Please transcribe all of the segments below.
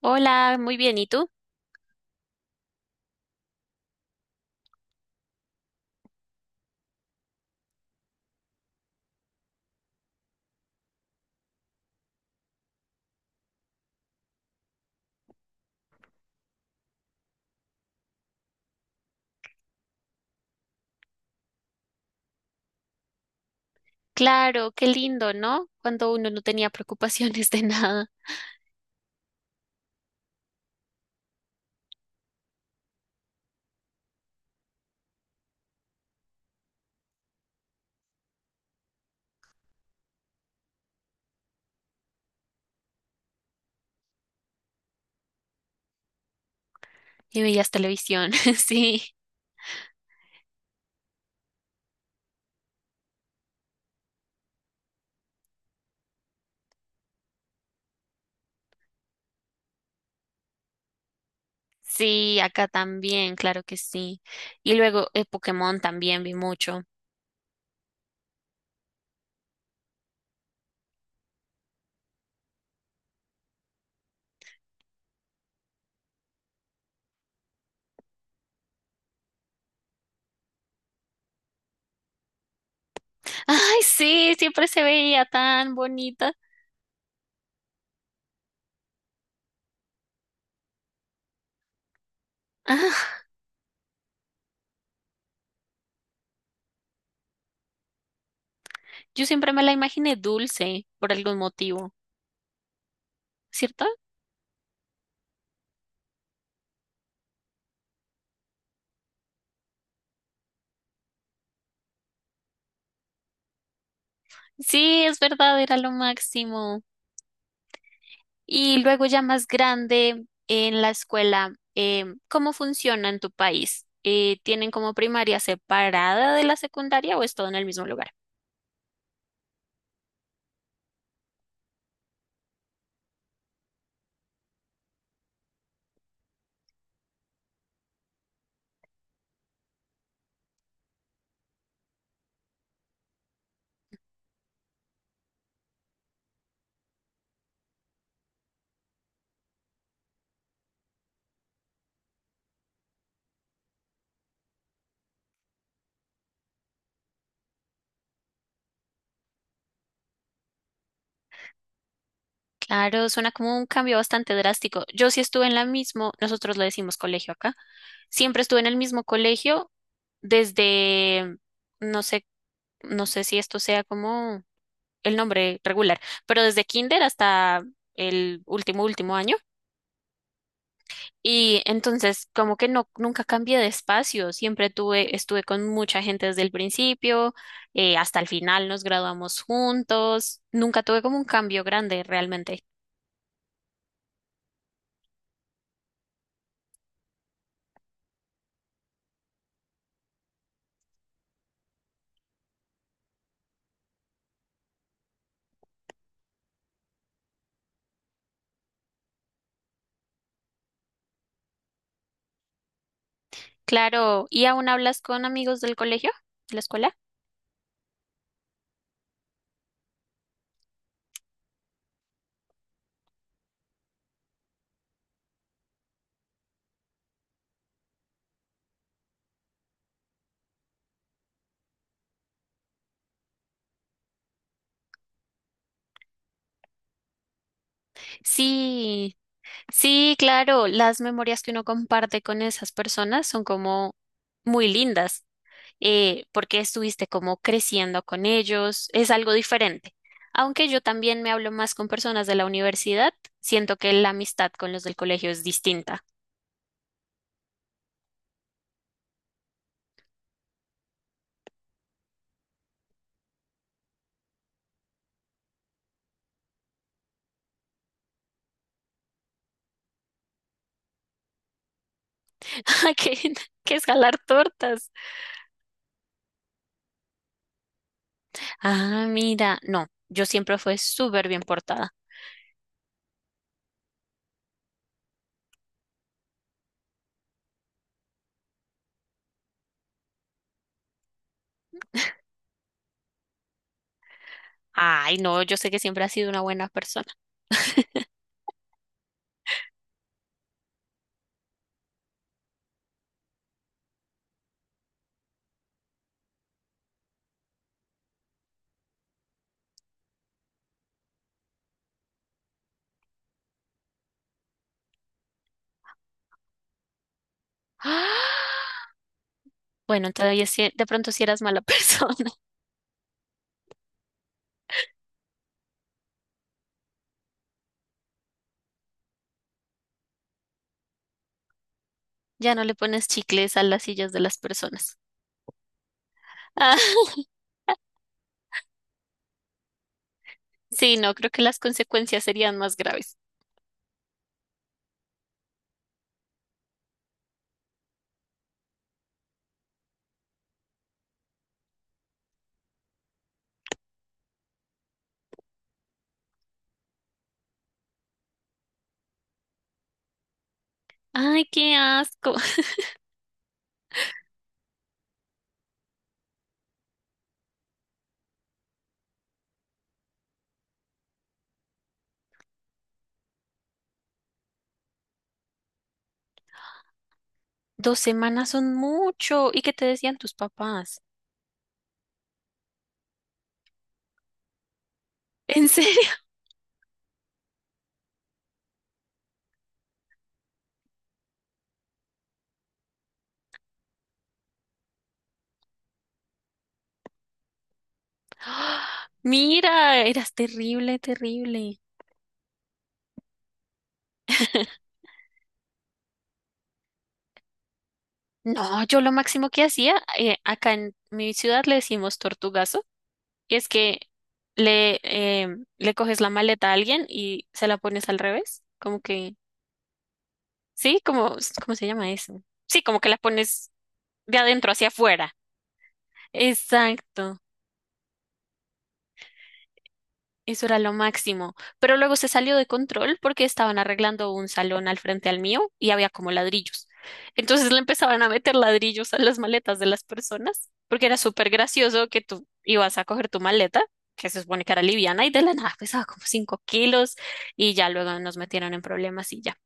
Hola, muy bien, ¿y tú? Claro, qué lindo, ¿no? Cuando uno no tenía preocupaciones de nada y veías televisión, sí. Sí, acá también, claro que sí. Y luego Pokémon también vi mucho. Ay, sí, siempre se veía tan bonita. Ah, yo siempre me la imaginé dulce por algún motivo, ¿cierto? Sí, es verdad, era lo máximo. Y luego ya más grande en la escuela, ¿cómo funciona en tu país? ¿Tienen como primaria separada de la secundaria o es todo en el mismo lugar? Claro, suena como un cambio bastante drástico. Yo sí estuve en la misma, nosotros le decimos colegio acá, siempre estuve en el mismo colegio desde, no sé, no sé si esto sea como el nombre regular, pero desde kinder hasta el último, último año. Y entonces, como que no, nunca cambié de espacio, siempre estuve con mucha gente desde el principio, hasta el final nos graduamos juntos, nunca tuve como un cambio grande realmente. Claro, ¿y aún hablas con amigos del colegio, de la escuela? Sí, sí, claro, las memorias que uno comparte con esas personas son como muy lindas. Porque estuviste como creciendo con ellos, es algo diferente. Aunque yo también me hablo más con personas de la universidad, siento que la amistad con los del colegio es distinta. que, que es jalar tortas? Ah, mira, no, yo siempre fui súper bien portada. Ay, no, yo sé que siempre has sido una buena persona. ¡Ah! Bueno, todavía sí- de pronto si eras mala persona, ya no le pones chicles a las sillas de las personas. Ah, sí, no, creo que las consecuencias serían más graves. Ay, qué asco. 2 semanas son mucho. ¿Y qué te decían tus papás? ¿En serio? ¡Ah! Mira, eras terrible, terrible. No, yo lo máximo que hacía, acá en mi ciudad le decimos tortugazo, y es que le, eh, le coges la maleta a alguien y se la pones al revés, como que sí, como, ¿cómo se llama eso? Sí, como que la pones de adentro hacia afuera. Exacto, eso era lo máximo. Pero luego se salió de control porque estaban arreglando un salón al frente al mío y había como ladrillos. Entonces le empezaban a meter ladrillos a las maletas de las personas porque era súper gracioso que tú ibas a coger tu maleta, que se supone que era liviana, y de la nada pesaba como 5 kilos y ya luego nos metieron en problemas y ya.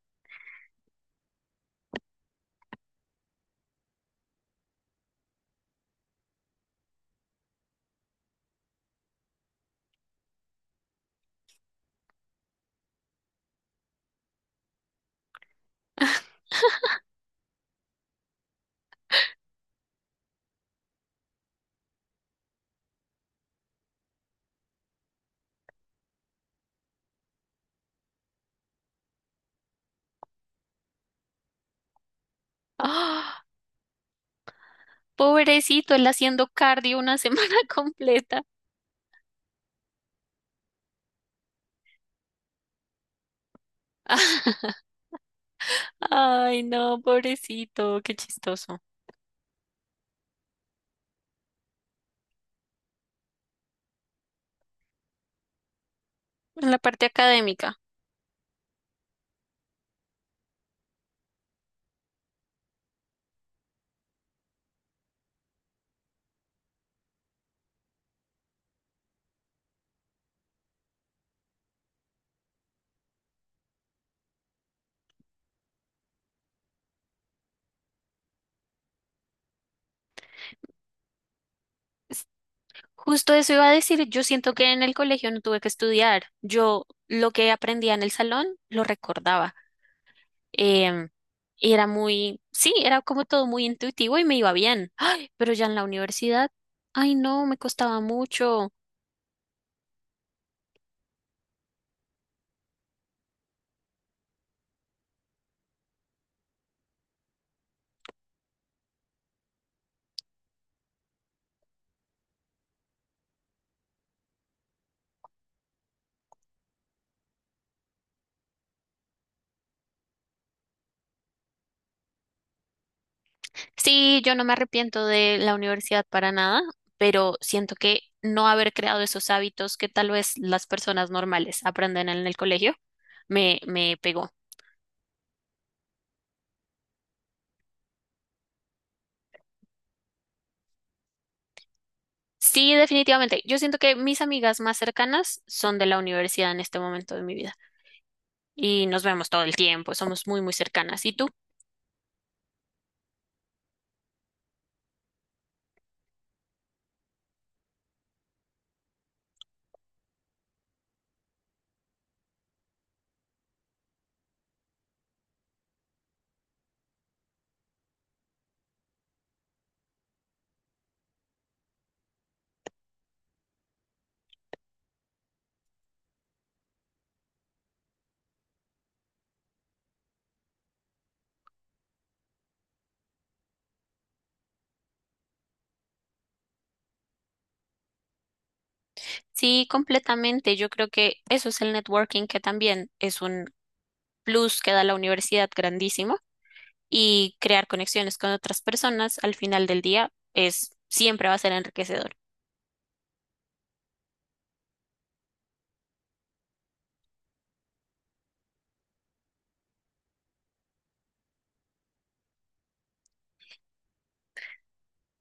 ¡Ah! Pobrecito, él haciendo cardio una semana completa. Ay, no, pobrecito, qué chistoso. En la parte académica. es- Justo eso iba a decir, yo siento que en el colegio no tuve que estudiar. Yo lo que aprendía en el salón lo recordaba. Em, y era muy, sí, era como todo muy intuitivo y me iba bien. Ay, pero ya en la universidad, ay, no, me costaba mucho. Sí, yo no me arrepiento de la universidad para nada, pero siento que no haber creado esos hábitos que tal vez las personas normales aprenden en el colegio me pegó. Sí, definitivamente. Yo siento que mis amigas más cercanas son de la universidad en este momento de mi vida y nos vemos todo el tiempo, somos muy, muy cercanas. ¿Y tú? Sí, completamente. Yo creo que eso es el networking, que también es un plus que da la universidad grandísimo y crear conexiones con otras personas al final del día es siempre va a ser enriquecedor.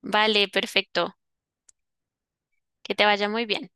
Vale, perfecto. Que te vaya muy bien.